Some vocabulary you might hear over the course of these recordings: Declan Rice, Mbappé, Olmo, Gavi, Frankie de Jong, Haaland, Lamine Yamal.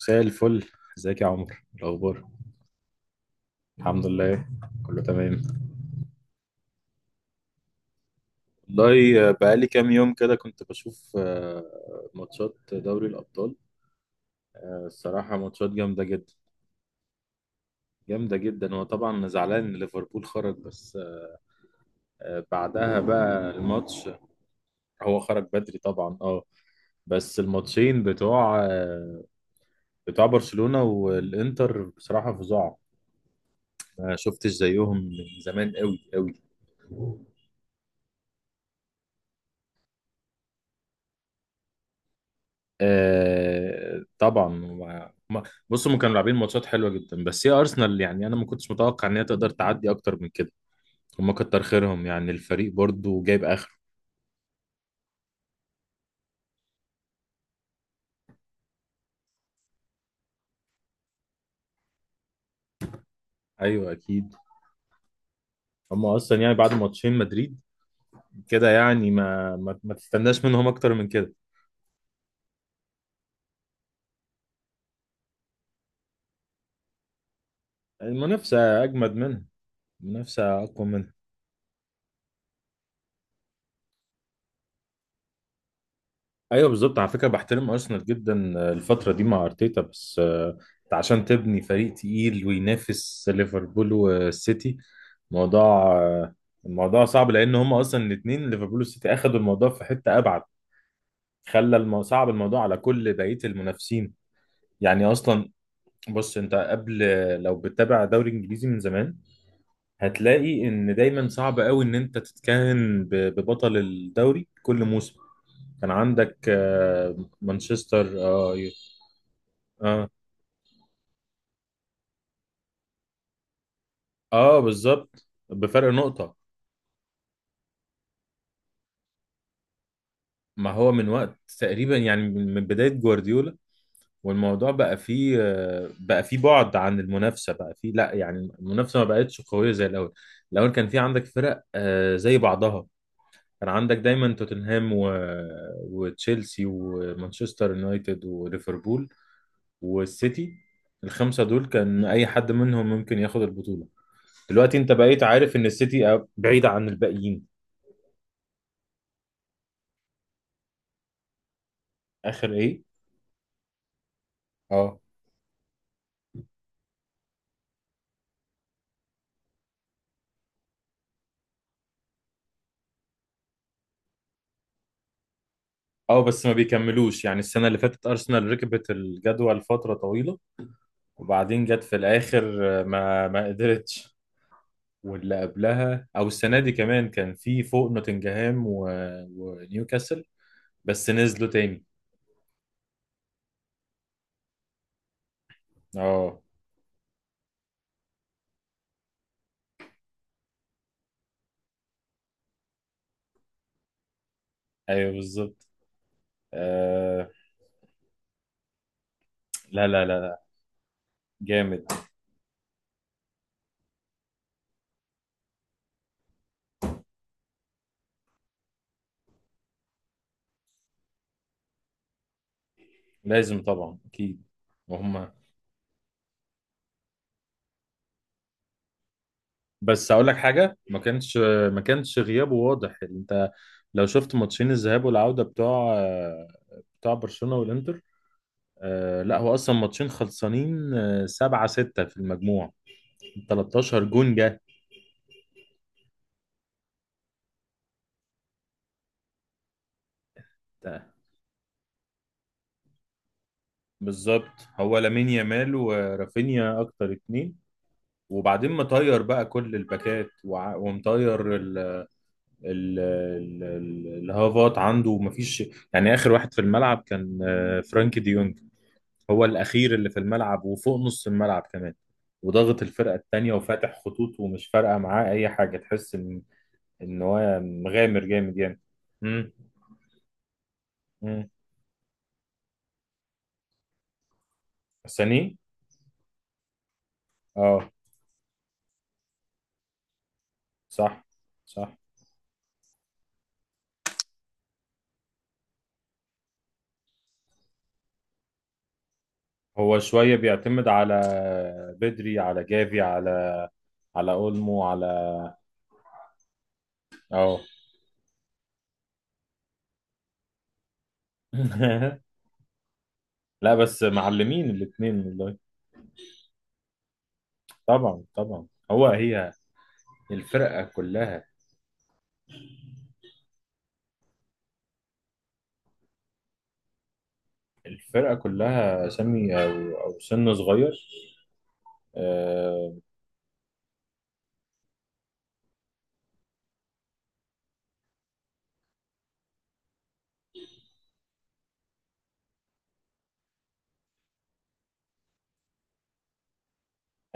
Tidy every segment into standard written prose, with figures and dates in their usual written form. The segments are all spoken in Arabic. مساء الفل. ازيك يا عمر؟ إيه الاخبار؟ الحمد لله، كله تمام. والله بقالي كام يوم كده كنت بشوف ماتشات دوري الابطال. الصراحه ماتشات جامده جدا. جامده جدا. هو طبعا زعلان ان ليفربول خرج، بس بعدها بقى الماتش. هو خرج بدري طبعا، اه. بس الماتشين بتوع بتوع برشلونه والانتر بصراحه فظاع، ما شفتش زيهم من زمان قوي قوي. آه طبعا بصوا، هم كانوا لاعبين ماتشات حلوه جدا، بس هي ارسنال يعني انا ما كنتش متوقع ان هي تقدر تعدي اكتر من كده. هم كتر خيرهم، يعني الفريق برضو جايب اخر. ايوه اكيد. هم اصلا يعني بعد ماتشين مدريد كده، يعني ما تستناش منهم اكتر من كده. المنافسه اجمد منها، المنافسه اقوى منها. ايوه بالظبط، على فكره بحترم ارسنال جدا الفتره دي مع ارتيتا، بس انت عشان تبني فريق تقيل وينافس ليفربول والسيتي موضوع. آه، الموضوع صعب لان هم اصلا الاثنين ليفربول والسيتي اخذوا الموضوع في حته ابعد. صعب الموضوع على كل بقيه المنافسين. يعني اصلا بص، انت قبل لو بتتابع دوري انجليزي من زمان هتلاقي ان دايما صعب قوي ان انت تتكهن ببطل الدوري كل موسم. كان عندك مانشستر اه. اه بالظبط بفرق نقطة. ما هو من وقت تقريبا، يعني من بداية جوارديولا والموضوع بقى فيه بقى فيه بعد عن المنافسة، بقى فيه لا، يعني المنافسة ما بقتش قوية زي الأول. الأول كان في عندك فرق زي بعضها، كان عندك دايما توتنهام وتشيلسي ومانشستر يونايتد وليفربول والسيتي. الخمسة دول كان أي حد منهم ممكن ياخد البطولة. دلوقتي أنت بقيت عارف إن السيتي بعيدة عن الباقيين. آخر إيه؟ اه. اه بس ما بيكملوش، يعني السنة اللي فاتت أرسنال ركبت الجدول فترة طويلة وبعدين جت في الآخر ما قدرتش. واللي قبلها أو السنة دي كمان كان في فوق نوتنجهام ونيوكاسل، بس نزلوا تاني. اه. أيوه بالظبط. آه. لا لا لا لا، جامد. لازم طبعا، أكيد. وهم. بس أقول لك حاجة، ما كانش. ما كانش غيابه واضح. أنت لو شفت ماتشين الذهاب والعودة بتوع بتوع برشلونة والإنتر. آه لا هو اصلا ماتشين خلصانين سبعة ستة في المجموع، 13 جون جه. بالظبط، هو لامين يامال ورافينيا اكتر اتنين، وبعدين مطير بقى كل الباكات ومطير الهافات عنده، ومفيش يعني اخر واحد في الملعب كان فرانكي ديونج. هو الاخير اللي في الملعب، وفوق نص الملعب كمان، وضغط الفرقه التانيه وفاتح خطوط، ومش فارقه معاه اي حاجه، تحس ان هو مغامر جامد يعني. مم. ساني. اه صح صح. هو شوية بيعتمد على بدري، على جافي، على اولمو، على اه. لا بس معلمين الاتنين والله. طبعا طبعا. هي الفرقة كلها. الفرقة كلها سمي او او سن صغير. آه.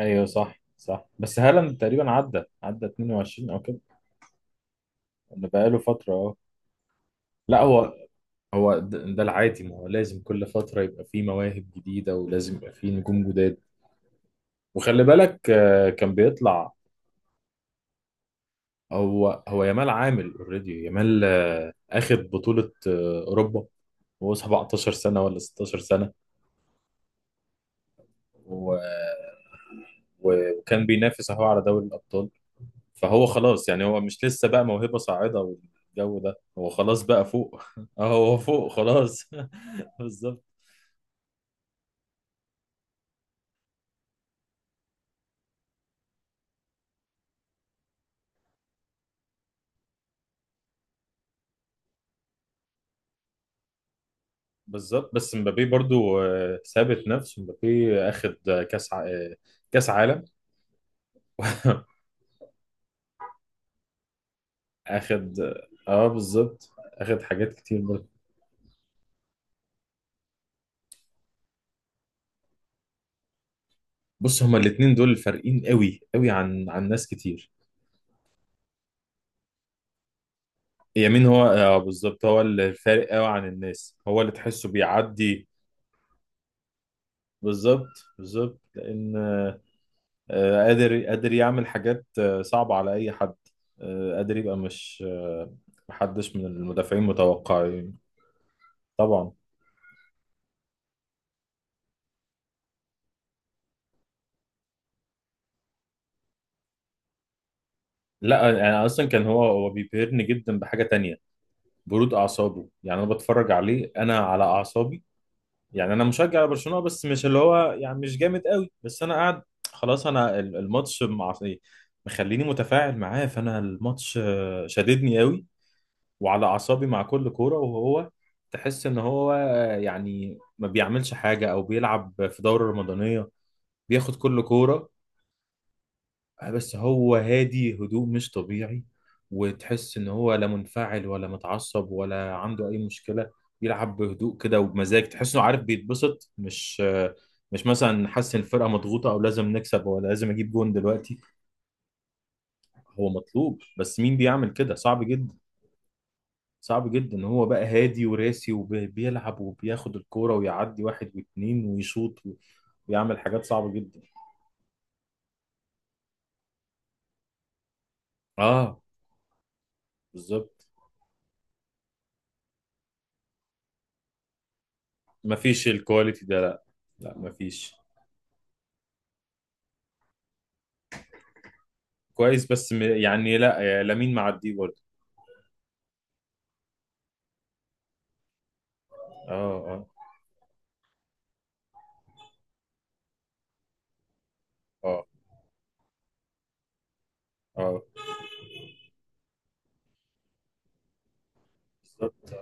ايوه صح صح، بس هالاند تقريبا عدى عدى 22 او كده. اللي بقاله فترة اه. لا هو. هو ده ده العادي، ما هو لازم كل فترة يبقى فيه مواهب جديدة، ولازم يبقى فيه نجوم جداد. وخلي بالك كان بيطلع. هو يامال عامل اوريدي، يامال اخد بطولة أوروبا وهو 17 سنة ولا 16 سنة، و... وكان بينافس اهو على دوري الأبطال. فهو خلاص، يعني هو مش لسه بقى موهبة صاعدة والجو ده، هو خلاص بقى فوق. هو فوق خلاص. بالظبط بالظبط. بس مبابي برضو ثابت نفسه، مبابي اخد كاس ع... آه، كاس عالم. اخد. اه بالظبط، اخد حاجات كتير برضو. بص، هما الاتنين دول فارقين قوي قوي عن ناس كتير. يمين، هو اه بالظبط هو اللي فارق قوي عن الناس، هو اللي تحسه بيعدي. بالظبط بالظبط لان قادر يعمل حاجات صعبة على اي حد. قادر يبقى مش محدش من المدافعين متوقع. طبعا. لا يعني اصلا كان هو بيبهرني جدا بحاجه تانية، برود اعصابه يعني. انا بتفرج عليه انا على اعصابي، يعني انا مشجع لبرشلونه بس مش اللي هو، يعني مش جامد قوي، بس انا قاعد خلاص. انا الماتش مع إيه؟ مخليني متفاعل معاه، فانا الماتش شددني قوي وعلى اعصابي مع كل كوره. وهو تحس ان هو يعني ما بيعملش حاجه او بيلعب في دوره رمضانيه، بياخد كل كوره. بس هو هادي، هدوء مش طبيعي. وتحس ان هو لا منفعل ولا متعصب ولا عنده اي مشكلة، بيلعب بهدوء كده وبمزاج، تحسه عارف بيتبسط، مش مثلا حاسس ان الفرقة مضغوطة او لازم نكسب ولا لازم اجيب جون دلوقتي. هو مطلوب بس مين بيعمل كده؟ صعب جدا. صعب جدا. هو بقى هادي وراسي وبيلعب وبياخد الكورة ويعدي واحد واتنين ويشوط ويعمل حاجات صعبة جدا. اه بالظبط، مفيش الكواليتي ده، لا. لا مفيش. كويس بس م- يعني لا، لامين معديه برضه. اه. اه. اه. اه بالظبط.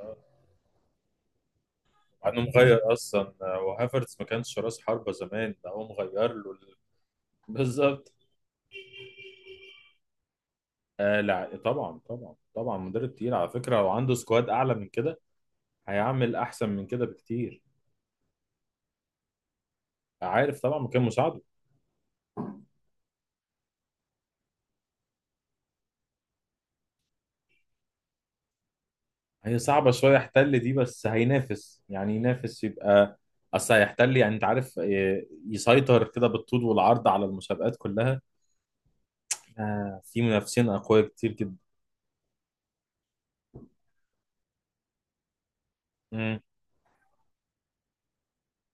انا مغير اصلا وهافرتز ما كانش راس حربة زمان، ده هو مغير له بالظبط. آه لا طبعا طبعا طبعا، مدرب تقيل على فكرة، لو عنده سكواد اعلى من كده هيعمل احسن من كده بكتير. عارف طبعا مكان مساعده. هي صعبة شوية يحتل دي، بس هينافس، يعني ينافس يبقى. اصل هيحتل، يعني انت عارف يسيطر كده بالطول والعرض على المسابقات كلها. آه في منافسين أقوياء كتير جدا. امم.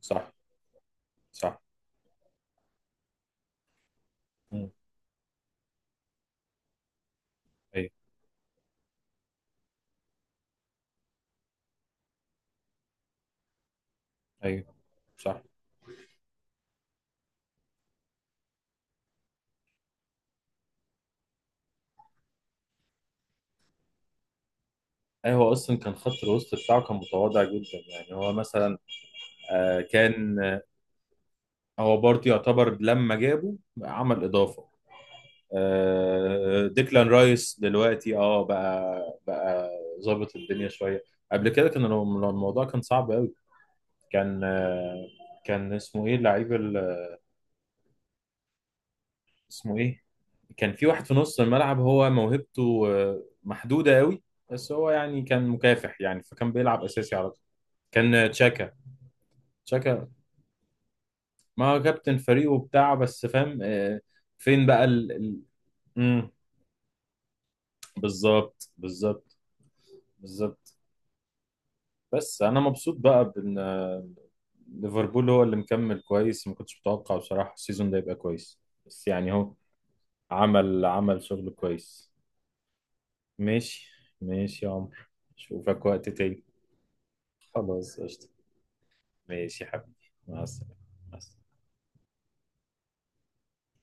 صح صح. مم. ايوه. ايوه صح. أي هو أصلا كان خط الوسط بتاعه كان متواضع جدا، يعني هو مثلا آه كان آه، هو برضه يعتبر لما جابه عمل إضافة. آه ديكلان رايس دلوقتي اه بقى، بقى ظابط الدنيا شوية. قبل كده كان الموضوع كان صعب أوي. كان آه، كان اسمه إيه اللعيب، اسمه ايه؟ كان في واحد في نص الملعب هو موهبته محدودة قوي، بس هو يعني كان مكافح يعني، فكان بيلعب اساسي على طول. كان تشاكا. تشاكا. ما هو كابتن فريقه بتاع، بس فاهم فين بقى مم، بالظبط بالظبط بالظبط. بس انا مبسوط بقى بان ليفربول هو اللي مكمل كويس، ما كنتش متوقع بصراحة السيزون ده يبقى كويس. بس يعني هو عمل شغل كويس. ماشي. ماشي يا عمر، اشوفك وقت تاني. خلاص قشطة. ماشي يا حبيبي مع السلامة. مع السلامة.